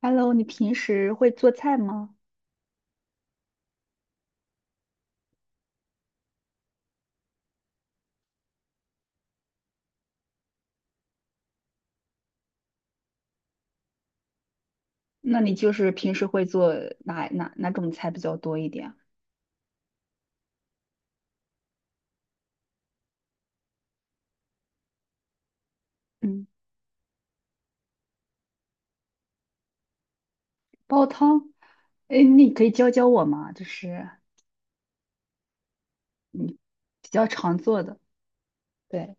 Hello，你平时会做菜吗？那你就是平时会做哪种菜比较多一点啊？嗯，煲汤。哎，你可以教教我吗？就是你比较常做的，对，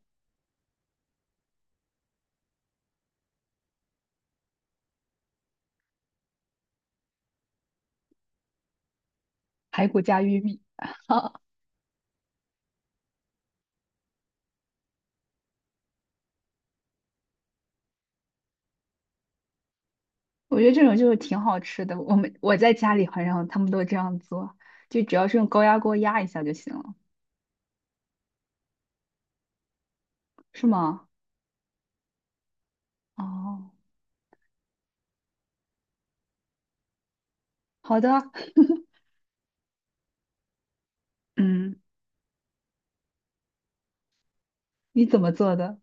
排骨加玉米，我觉得这种就是挺好吃的。我在家里好像他们都这样做，就只要是用高压锅压一下就行了，是吗？哦，好的。嗯，你怎么做的？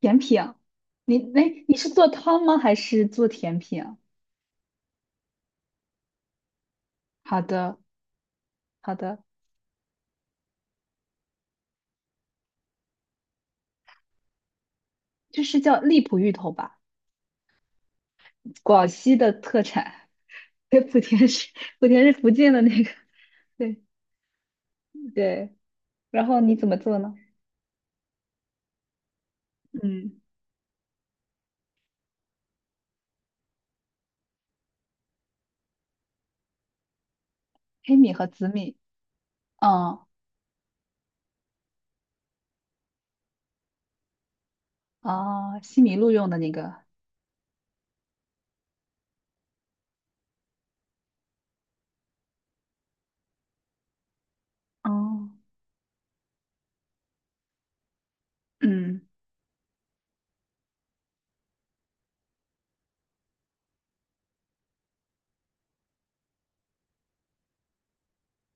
甜品啊？你哎，你是做汤吗？还是做甜品啊？好的。好的，就是叫荔浦芋头吧，广西的特产。对，莆田是福建的那个，对对。然后你怎么做呢？嗯，黑米和紫米，哦哦，西米露用的那个，哦，嗯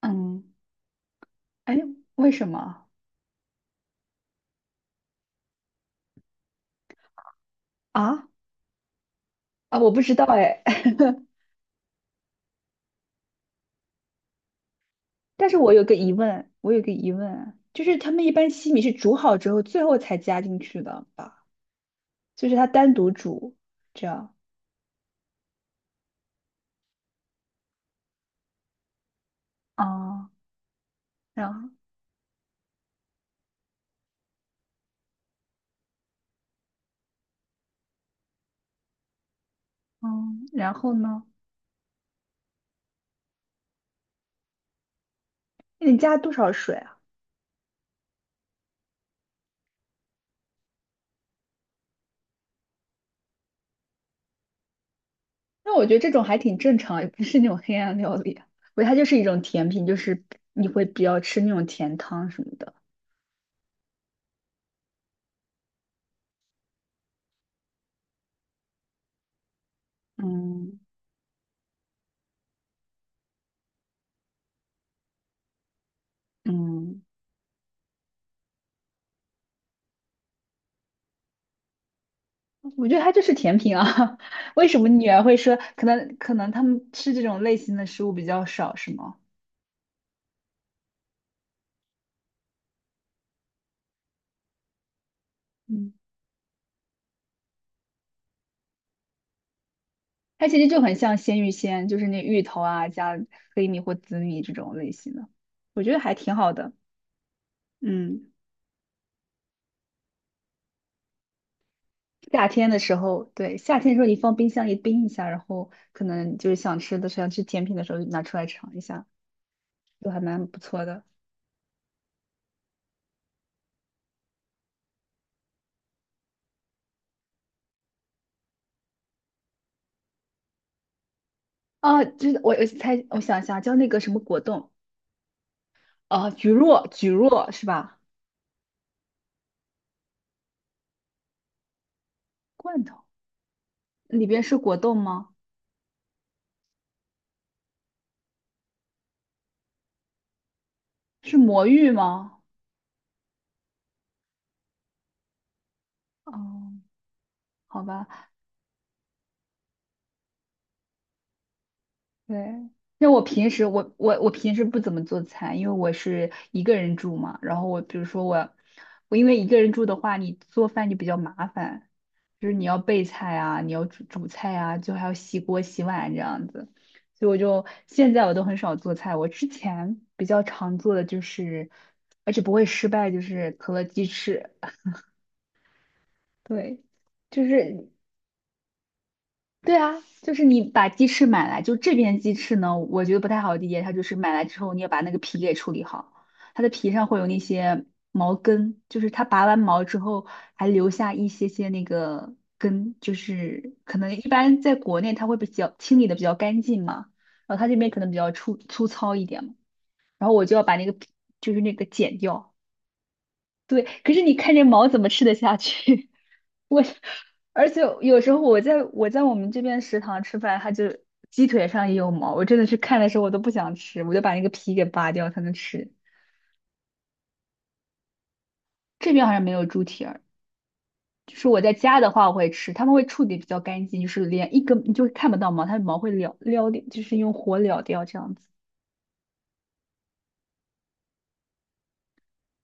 嗯，哎，为什么啊啊？我不知道哎，但是我有个疑问，就是他们一般西米是煮好之后最后才加进去的吧？就是它单独煮这样。哦，然后。嗯，然后呢？那你加多少水啊？那我觉得这种还挺正常，也不是那种黑暗料理啊。我觉得它就是一种甜品，就是你会比较吃那种甜汤什么的。嗯嗯，我觉得它就是甜品啊。为什么女儿会说，可能他们吃这种类型的食物比较少，是吗？嗯，它其实就很像鲜芋仙，就是那芋头啊加黑米或紫米这种类型的，我觉得还挺好的。嗯。夏天的时候，对，夏天的时候你放冰箱里冰一下，然后可能就是想吃的时候、想吃甜品的时候就拿出来尝一下，都还蛮不错的。啊，我想一下，叫那个什么果冻啊，橘若是吧？罐头里边是果冻吗？是魔芋吗？哦，好吧。对，那我平时不怎么做菜，因为我是一个人住嘛。然后我比如说因为一个人住的话，你做饭就比较麻烦，就是你要备菜啊，你要煮菜啊，就还要洗锅洗碗这样子。所以我现在都很少做菜，我之前比较常做的就是，而且不会失败，就是可乐鸡翅。对，就是。对啊，就是你把鸡翅买来，就这边鸡翅呢，我觉得不太好理解，它就是买来之后你要把那个皮给处理好，它的皮上会有那些毛根，就是它拔完毛之后还留下一些些那个根，就是可能一般在国内它会比较清理的比较干净嘛，然后它这边可能比较粗糙一点嘛，然后我就要把那个皮就是那个剪掉，对，可是你看这毛怎么吃得下去？我，而且有时候我在我们这边食堂吃饭，它就鸡腿上也有毛，我真的是看的时候我都不想吃，我就把那个皮给扒掉才能吃。这边好像没有猪蹄儿，就是我在家的话我会吃，他们会处理比较干净，就是连一根你就看不到毛，它的毛会撩掉，就是用火燎掉这样子。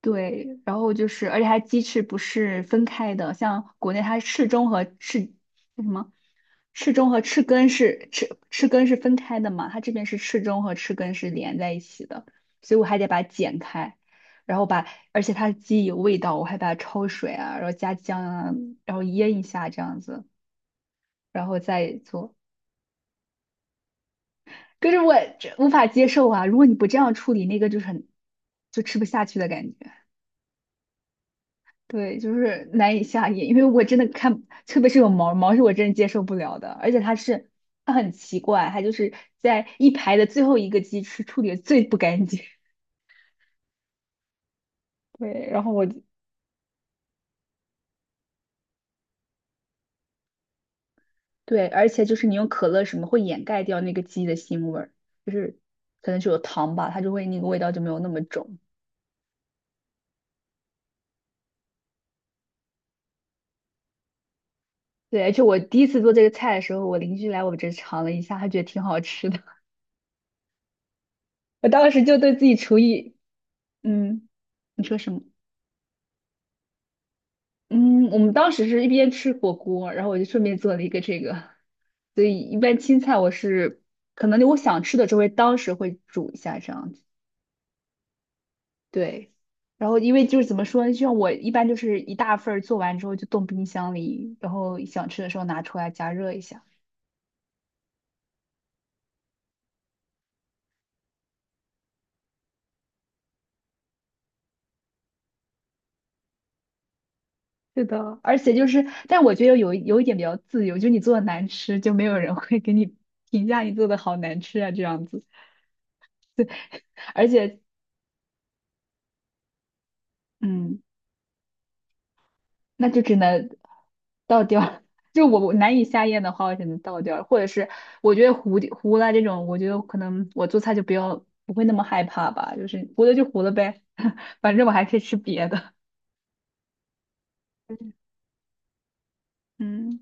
对，然后就是，而且它鸡翅不是分开的，像国内它翅中和翅那什么？翅中和翅根是翅根是分开的嘛，它这边是翅中和翅根是连在一起的，所以我还得把它剪开，然后把，而且它的鸡有味道，我还把它焯水啊，然后加姜啊，然后腌一下这样子，然后再做。可是我这无法接受啊！如果你不这样处理，那个就是很就吃不下去的感觉。对，就是难以下咽，因为我真的看，特别是有毛毛是我真的接受不了的，而且它是它很奇怪，它就是在一排的最后一个鸡翅处理的最不干净。对，然后我就对，而且就是你用可乐什么会掩盖掉那个鸡的腥味儿，就是可能是有糖吧，它就会那个味道就没有那么重。对，而且我第一次做这个菜的时候，我邻居来我这尝了一下，他觉得挺好吃的，我当时就对自己厨艺，嗯，你说什么？嗯，我们当时是一边吃火锅，然后我就顺便做了一个这个，所以一般青菜我是可能我想吃的就会当时会煮一下这样子，对。然后因为就是怎么说呢，就像我一般就是一大份儿做完之后就冻冰箱里，然后想吃的时候拿出来加热一下。是的，而且就是，但我觉得有一点比较自由，就你做的难吃，就没有人会给你评价你做的好难吃啊这样子，而且。嗯，那就只能倒掉 就我难以下咽的话，我只能倒掉或者是我觉得糊了这种，我觉得可能我做菜就不会那么害怕吧，就是糊了就糊了呗，反正我还可以吃别的。嗯。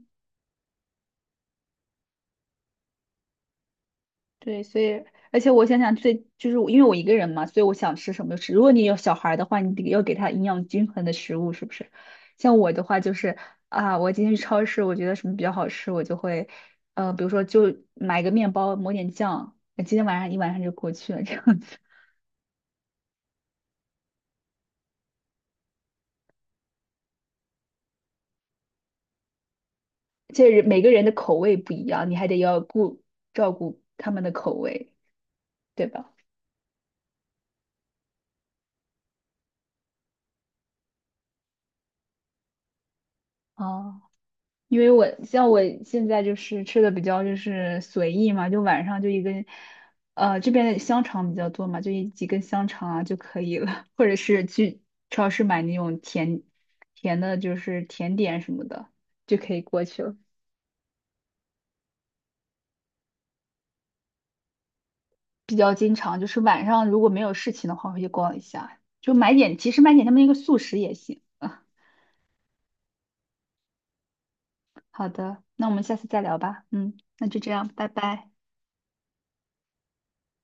对，所以而且我想想最就是我因为我一个人嘛，所以我想吃什么就吃。如果你有小孩儿的话，你得要给他营养均衡的食物，是不是？像我的话就是啊，我今天去超市，我觉得什么比较好吃，我就会呃，比如说就买个面包，抹点酱，那今天晚上一晚上就过去了这样子。这人每个人的口味不一样，你还得要照顾他们的口味，对吧？哦。因为我像我现在就是吃的比较就是随意嘛，就晚上就一根，呃，这边的香肠比较多嘛，就一几根香肠啊就可以了，或者是去超市买那种甜的，就是甜点什么的就可以过去了。比较经常就是晚上如果没有事情的话，会去逛一下，就买点，其实买点他们那个速食也行。好的，那我们下次再聊吧。嗯，那就这样，拜拜。